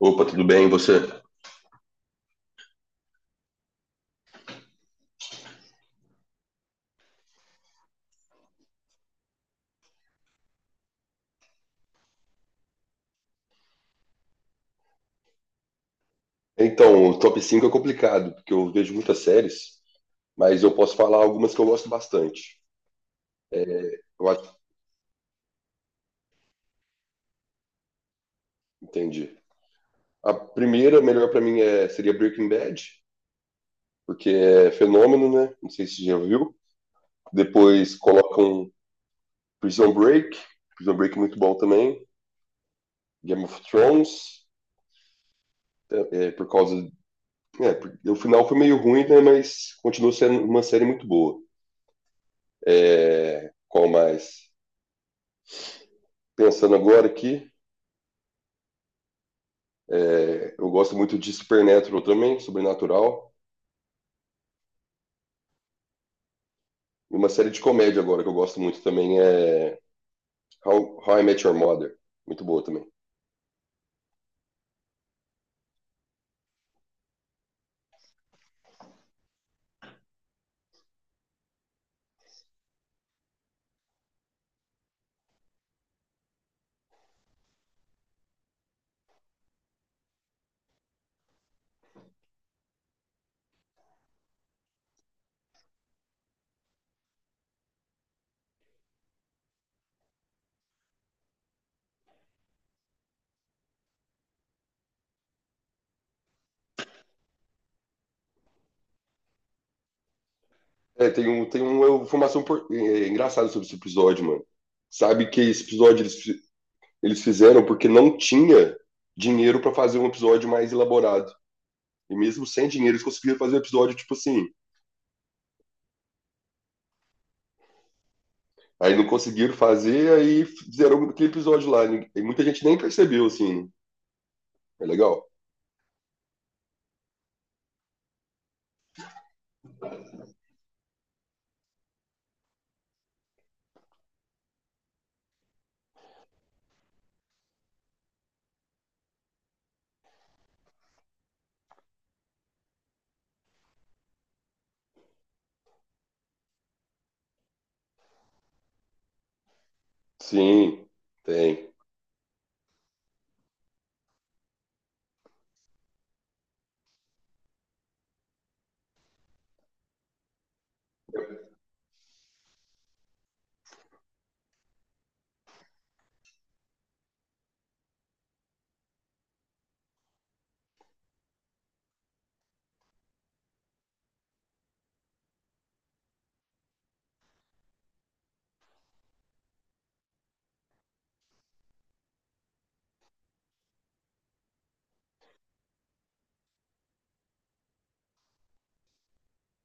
Opa, tudo bem, e você? Então, o top 5 é complicado, porque eu vejo muitas séries, mas eu posso falar algumas que eu gosto bastante. É, eu acho, entendi. A primeira, melhor pra mim, seria Breaking Bad, porque é fenômeno, né? Não sei se você já viu. Depois colocam Prison Break, Prison Break é muito bom também. Game of Thrones, por causa. É, o final foi meio ruim, né? Mas continua sendo uma série muito boa. É, qual mais? Pensando agora aqui. É, eu gosto muito de Supernatural também, Sobrenatural. E uma série de comédia agora que eu gosto muito também é How I Met Your Mother. Muito boa também. É, tem, um, tem uma informação é, engraçada sobre esse episódio, mano. Sabe que esse episódio eles fizeram porque não tinha dinheiro pra fazer um episódio mais elaborado. E mesmo sem dinheiro, eles conseguiram fazer um episódio tipo assim. Aí não conseguiram fazer, aí fizeram aquele episódio lá. E muita gente nem percebeu, assim. É legal? Sim, tem.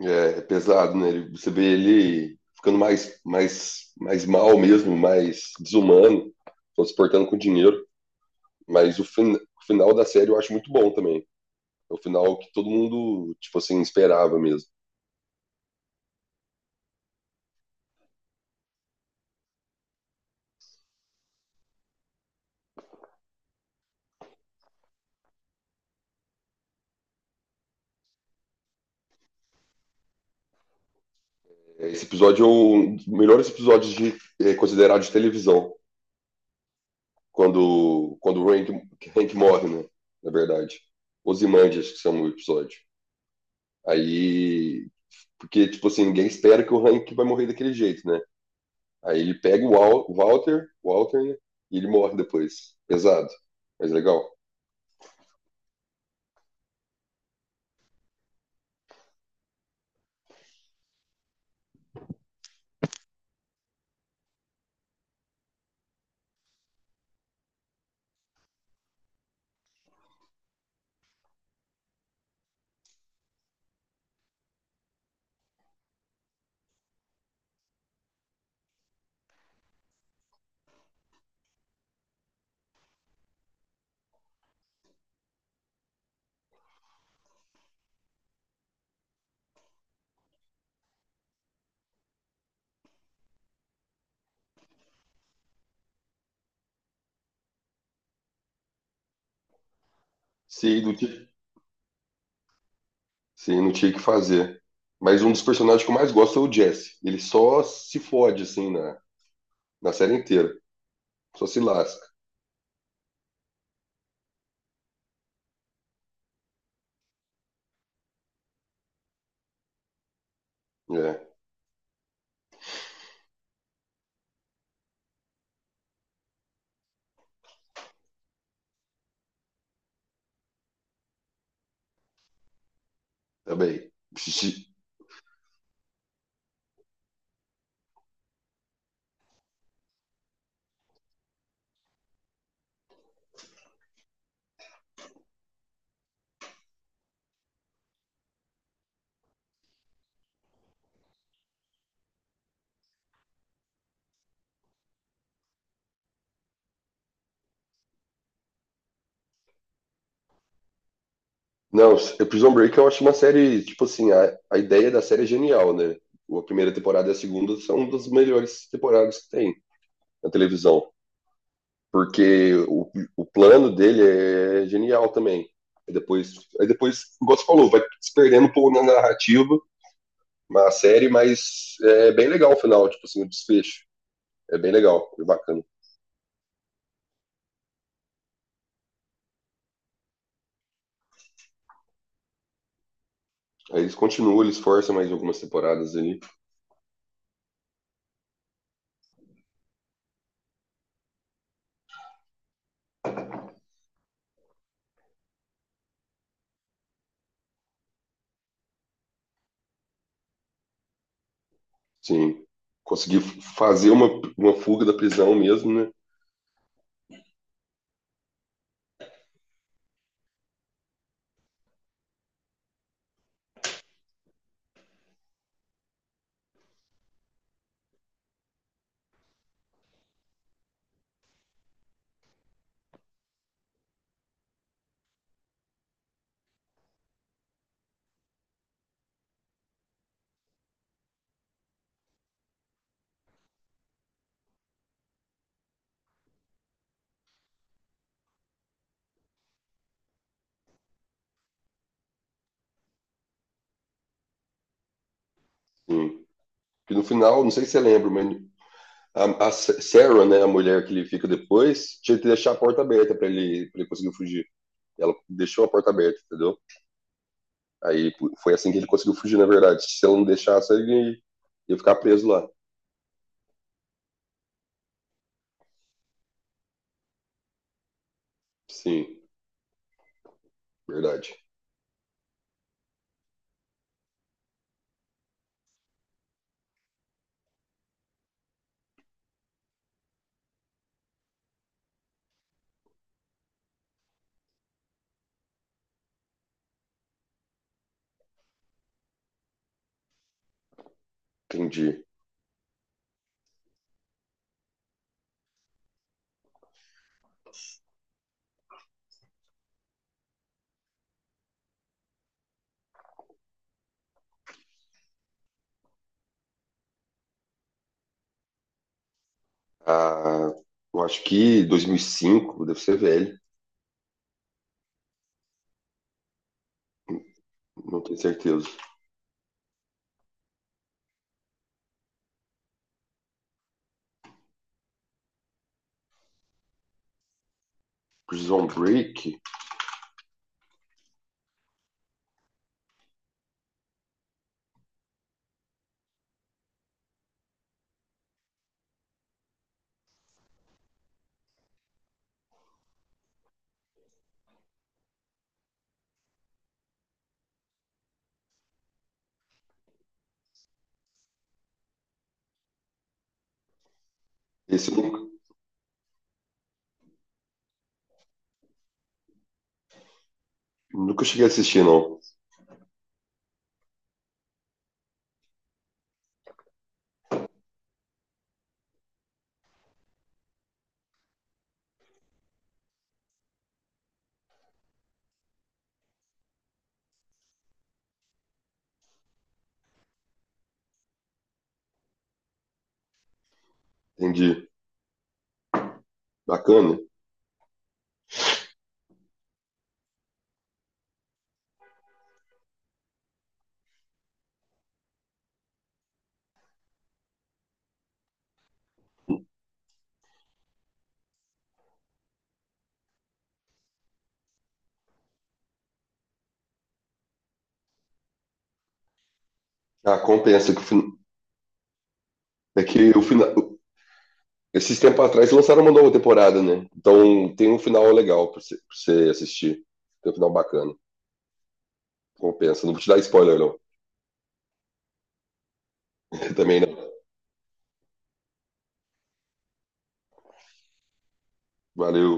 É, é pesado, né? Ele- Você vê ele ficando mais mal mesmo, mais desumano, só se portando com dinheiro. Mas o, fin o final da série eu acho muito bom também. É o final que todo mundo, tipo assim, esperava mesmo. É, esse episódio é um dos melhores episódios de, é, considerado de televisão, quando o Hank, Hank morre, né? Na verdade. Ozymandias, que são o episódio. Aí, porque, tipo assim, ninguém espera que o Hank vai morrer daquele jeito, né? Aí ele pega o o Walter, né? E ele morre depois. Pesado, mas legal. Sim, não tinha, sim, não tinha o que fazer. Mas um dos personagens que eu mais gosto é o Jesse. Ele só se fode, assim, na, na série inteira. Só se lasca. É, também. Psi- Não, é Prison Break eu acho uma série, tipo assim, a ideia da série é genial, né? A primeira temporada e a segunda são das melhores temporadas que tem na televisão. Porque o plano dele é genial também. Aí depois, aí depois, igual você falou, vai se perdendo um pouco na narrativa, na série, mas é bem legal o final, tipo assim, o desfecho. É bem legal, é bacana. Aí eles continuam, eles forçam mais algumas temporadas ali. Sim, conseguir fazer uma fuga da prisão mesmo, né? Sim. Que no final, não sei se você lembra, mas a Sarah, né, a mulher que ele fica depois, tinha que deixar a porta aberta para ele, pra ele conseguir fugir. Ela deixou a porta aberta, entendeu? Aí foi assim que ele conseguiu fugir, na verdade. Se eu não deixasse, ele ia ficar preso lá. Sim, verdade. Entendi. Ah, eu acho que 2005, deve ser velho, não tenho certeza. Prison Break, esse eu nunca, nunca cheguei a assistir, não. Entendi. Bacana. Ah, compensa que o fin... é que o final. Esses tempos atrás lançaram uma nova temporada, né? Então tem um final legal pra você assistir. Tem um final bacana. Compensa. Não vou te dar spoiler, não. Também não. Valeu.